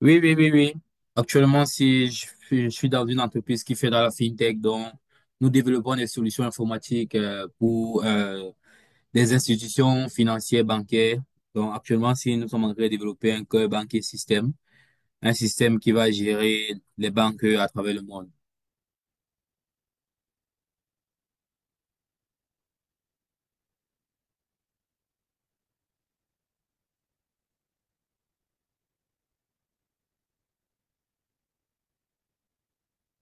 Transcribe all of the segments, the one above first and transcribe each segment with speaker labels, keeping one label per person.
Speaker 1: Oui, oui, oui, oui. Actuellement, si je suis dans une entreprise qui fait dans la fintech, donc nous développons des solutions informatiques pour des institutions financières, bancaires. Donc actuellement, si nous sommes en train de développer un cœur banquier système, un système qui va gérer les banques à travers le monde.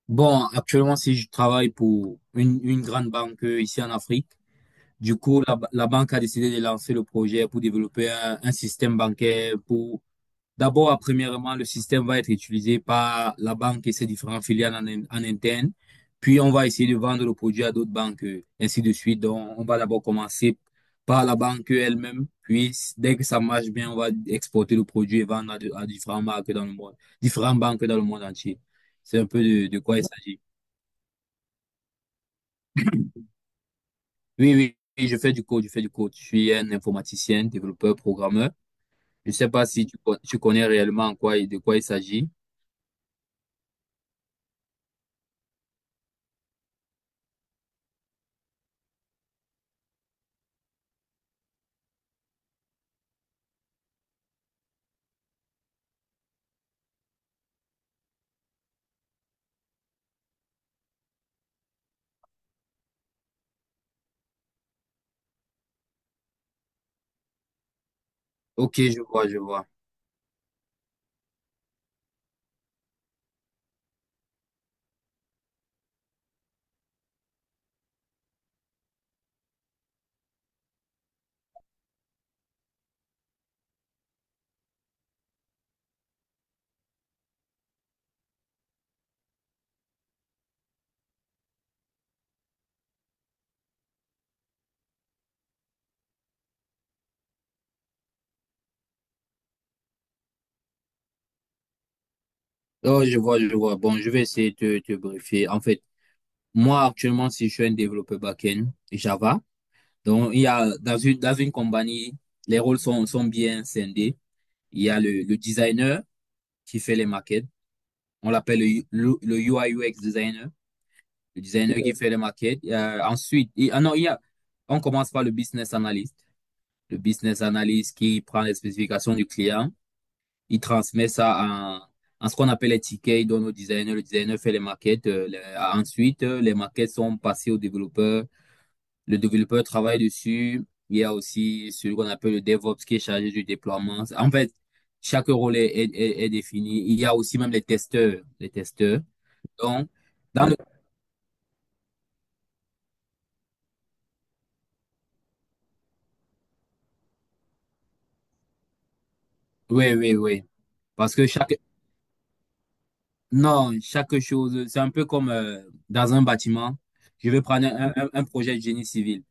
Speaker 1: Bon, actuellement, si je travaille pour une grande banque ici en Afrique, du coup, la banque a décidé de lancer le projet pour développer un système bancaire pour. D'abord, premièrement, le système va être utilisé par la banque et ses différentes filiales en interne. Puis, on va essayer de vendre le produit à d'autres banques, ainsi de suite. Donc, on va d'abord commencer par la banque elle-même. Puis, dès que ça marche bien, on va exporter le produit et vendre à différentes marques dans le monde, différentes banques dans le monde entier. C'est un peu de quoi il s'agit. Oui, oui, oui, je fais du code, je fais du code. Je suis un informaticien, développeur, programmeur. Je sais pas si tu connais réellement de quoi il s'agit. Ok, je vois, je vois. Oh, je vois, je vois. Bon, je vais essayer de te briefer. En fait, moi, actuellement, si je suis un développeur back-end Java, donc il y a dans une compagnie, les rôles sont bien scindés. Il y a le designer qui fait les maquettes. On l'appelle le UI UX designer, le designer qui, ok, fait les maquettes. Ensuite, ah non, il y a, on commence par le business analyst. Le business analyst qui prend les spécifications du client. Il transmet ça en, en ce qu'on appelle les tickets. Il donne au designer. Le designer fait les maquettes. Ensuite, les maquettes sont passées au développeur. Le développeur travaille dessus. Il y a aussi celui qu'on appelle le DevOps qui est chargé du déploiement. En fait, chaque rôle est défini. Il y a aussi même les testeurs. Les testeurs. Donc, dans le... Oui, oui, oui. Parce que chaque... Non, chaque chose, c'est un peu comme dans un bâtiment. Je vais prendre un projet de génie civil.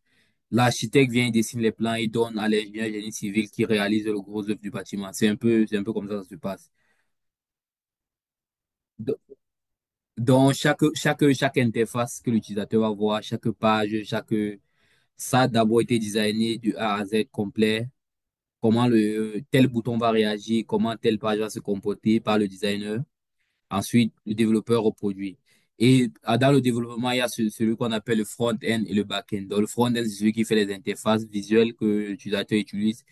Speaker 1: L'architecte vient, il dessine les plans, il donne à l'ingénieur génie civil qui réalise le gros œuvre du bâtiment. C'est un peu comme ça que ça se passe. Do- Donc, chaque interface que l'utilisateur va voir, chaque page, ça a d'abord été designé du A à Z complet. Comment le, tel bouton va réagir, comment telle page va se comporter par le designer. Ensuite, le développeur au produit. Et ah, dans le développement, il y a celui qu'on appelle le front-end et le back-end. Donc, le front-end, c'est celui qui fait les interfaces visuelles que l'utilisateur utilise.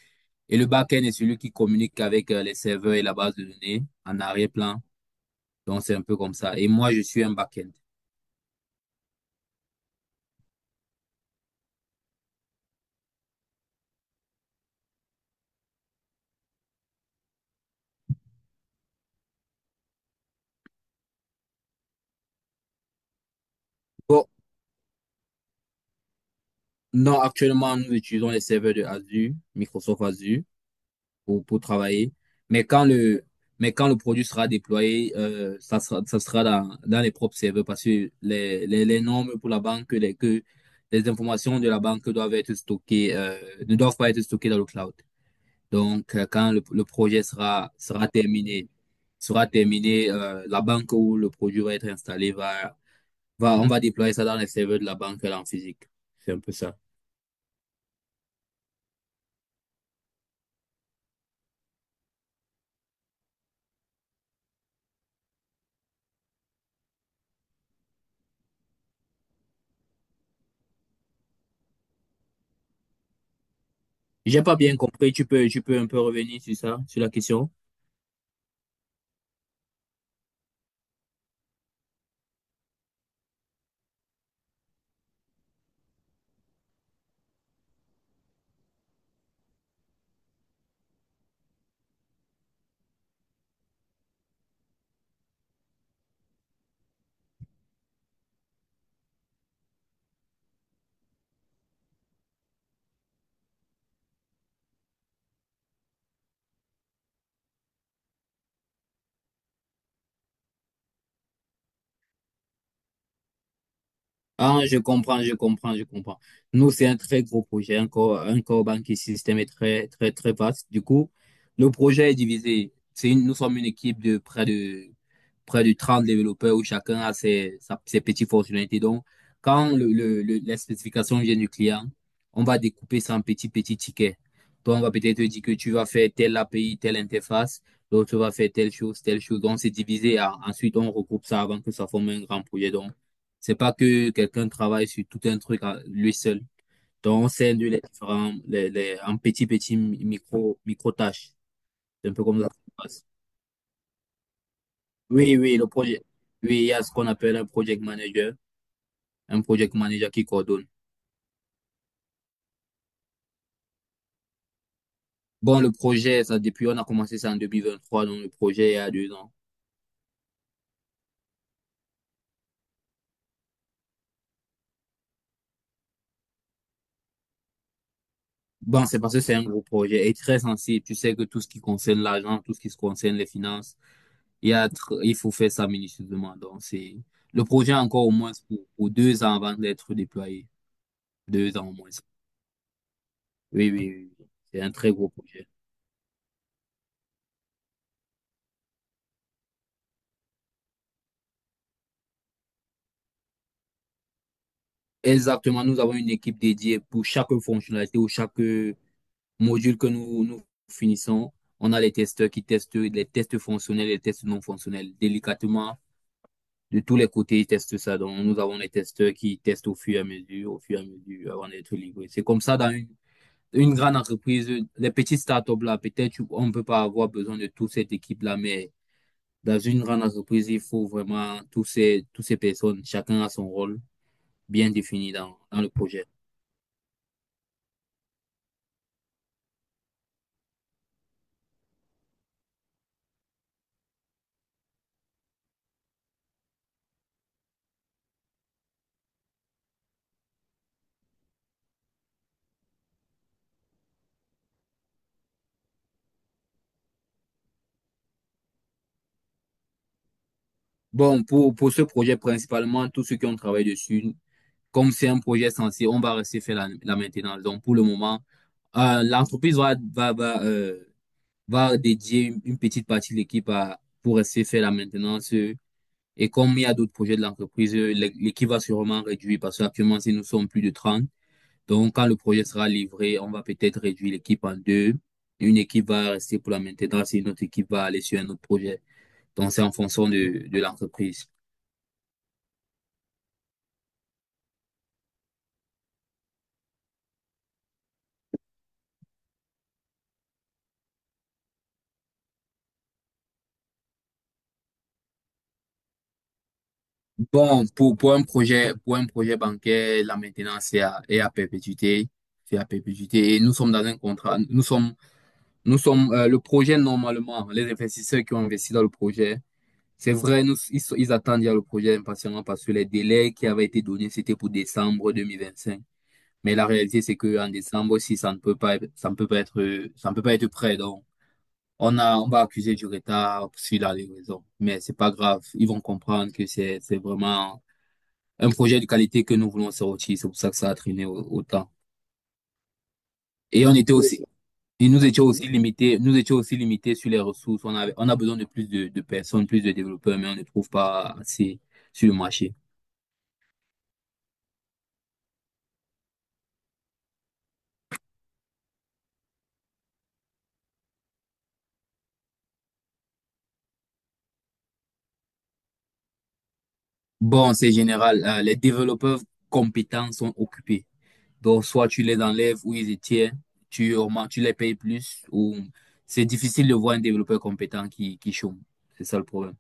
Speaker 1: Et le back-end est celui qui communique avec les serveurs et la base de données en arrière-plan. Donc, c'est un peu comme ça. Et moi, je suis un back-end. Bon, non, actuellement, nous utilisons les serveurs de Azure, Microsoft Azure pour travailler. Mais quand le, mais quand le produit sera déployé, ça sera dans les propres serveurs parce que les normes pour la banque, que les informations de la banque doivent être stockées, ne doivent pas être stockées dans le cloud. Donc, quand le projet sera terminé, la banque où le produit va être installé on va déployer ça dans les serveurs de la banque là en physique. C'est un peu ça. J'ai pas bien compris. Tu peux un peu revenir sur ça, sur la question? Ah, je comprends, je comprends, je comprends. Nous, c'est un très gros projet. Un core banking system est très, très, très vaste. Du coup, le projet est divisé. Nous sommes une équipe de près de 30 développeurs où chacun a ses petites fonctionnalités. Donc, quand la spécification vient du client, on va découper ça en petits, petits tickets. Donc, on va peut-être dire que tu vas faire telle API, telle interface, l'autre va faire telle chose, telle chose. Donc, c'est divisé. Ah, ensuite, on regroupe ça avant que ça forme un grand projet. Donc, c'est pas que quelqu'un travaille sur tout un truc à lui seul. Donc, on scinde les différents, en petits, petits micro, micro tâches. C'est un peu comme ça que ça se passe. Oui, oui, le projet. Oui, il y a ce qu'on appelle un project manager qui coordonne. Bon, le projet, ça, depuis, on a commencé ça en 2023, donc le projet, il y a 2 ans. Bon, c'est parce que c'est un gros projet et très sensible. Tu sais que tout ce qui concerne l'argent, tout ce qui se concerne les finances, il y a, tr- il faut faire ça minutieusement. Donc, le projet a encore au moins pour 2 ans avant d'être déployé. 2 ans au moins. Oui, oui, oui. oui. C'est un très gros projet. Exactement, nous avons une équipe dédiée pour chaque fonctionnalité ou chaque module que nous, nous finissons. On a les testeurs qui testent les tests fonctionnels et les tests non fonctionnels. Délicatement, de tous les côtés, ils testent ça. Donc, nous avons les testeurs qui testent au fur et à mesure, au fur et à mesure, avant d'être livrés. C'est comme ça dans une grande entreprise. Les petites startups, là, peut-être, on ne peut pas avoir besoin de toute cette équipe-là, mais dans une grande entreprise, il faut vraiment tous ces, toutes ces personnes, chacun a son rôle bien défini dans le projet. Bon, pour ce projet, principalement, tous ceux qui ont travaillé dessus, comme c'est un projet censé, on va rester faire la maintenance. Donc, pour le moment, l'entreprise va dédier une petite partie de l'équipe pour rester faire la maintenance. Et comme il y a d'autres projets de l'entreprise, l'équipe va sûrement réduire parce qu'actuellement, si nous sommes plus de 30. Donc, quand le projet sera livré, on va peut-être réduire l'équipe en deux. Une équipe va rester pour la maintenance et une autre équipe va aller sur un autre projet. Donc, c'est en fonction de l'entreprise. Bon, pour un projet, pour un projet bancaire, la maintenance est à perpétuité. C'est à perpétuité. Et nous sommes dans un contrat. Le projet, normalement, les investisseurs qui ont investi dans le projet, c'est vrai, ils attendent le projet impatiemment parce que les délais qui avaient été donnés, c'était pour décembre 2025. Mais la réalité, c'est qu'en décembre aussi, ça ne peut pas être prêt. Donc, on va accuser du retard sur la livraison. Mais c'est pas grave. Ils vont comprendre que c'est vraiment un projet de qualité que nous voulons sortir. C'est pour ça que ça a traîné autant. Et on était aussi, et nous étions aussi limités, sur les ressources. On a besoin de plus de personnes, plus de développeurs, mais on ne trouve pas assez sur le marché. Bon, c'est général. Les développeurs compétents sont occupés. Donc, soit tu les enlèves ou ils les tiennent, tu augmentes, tu les payes plus, ou c'est difficile de voir un développeur compétent qui chôme. C'est ça le problème.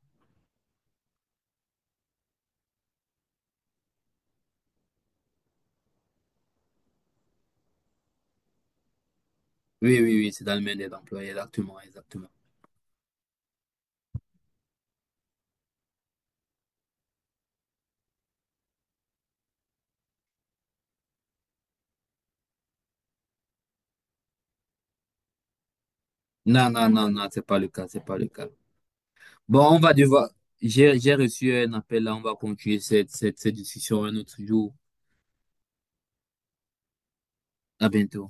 Speaker 1: Oui, oui, oui, c'est dans le main des employés, exactement, exactement. Non, non, non, non, c'est pas le cas, c'est pas le cas. Bon, on va devoir, j'ai reçu un appel là, on va continuer cette discussion un autre jour. À bientôt.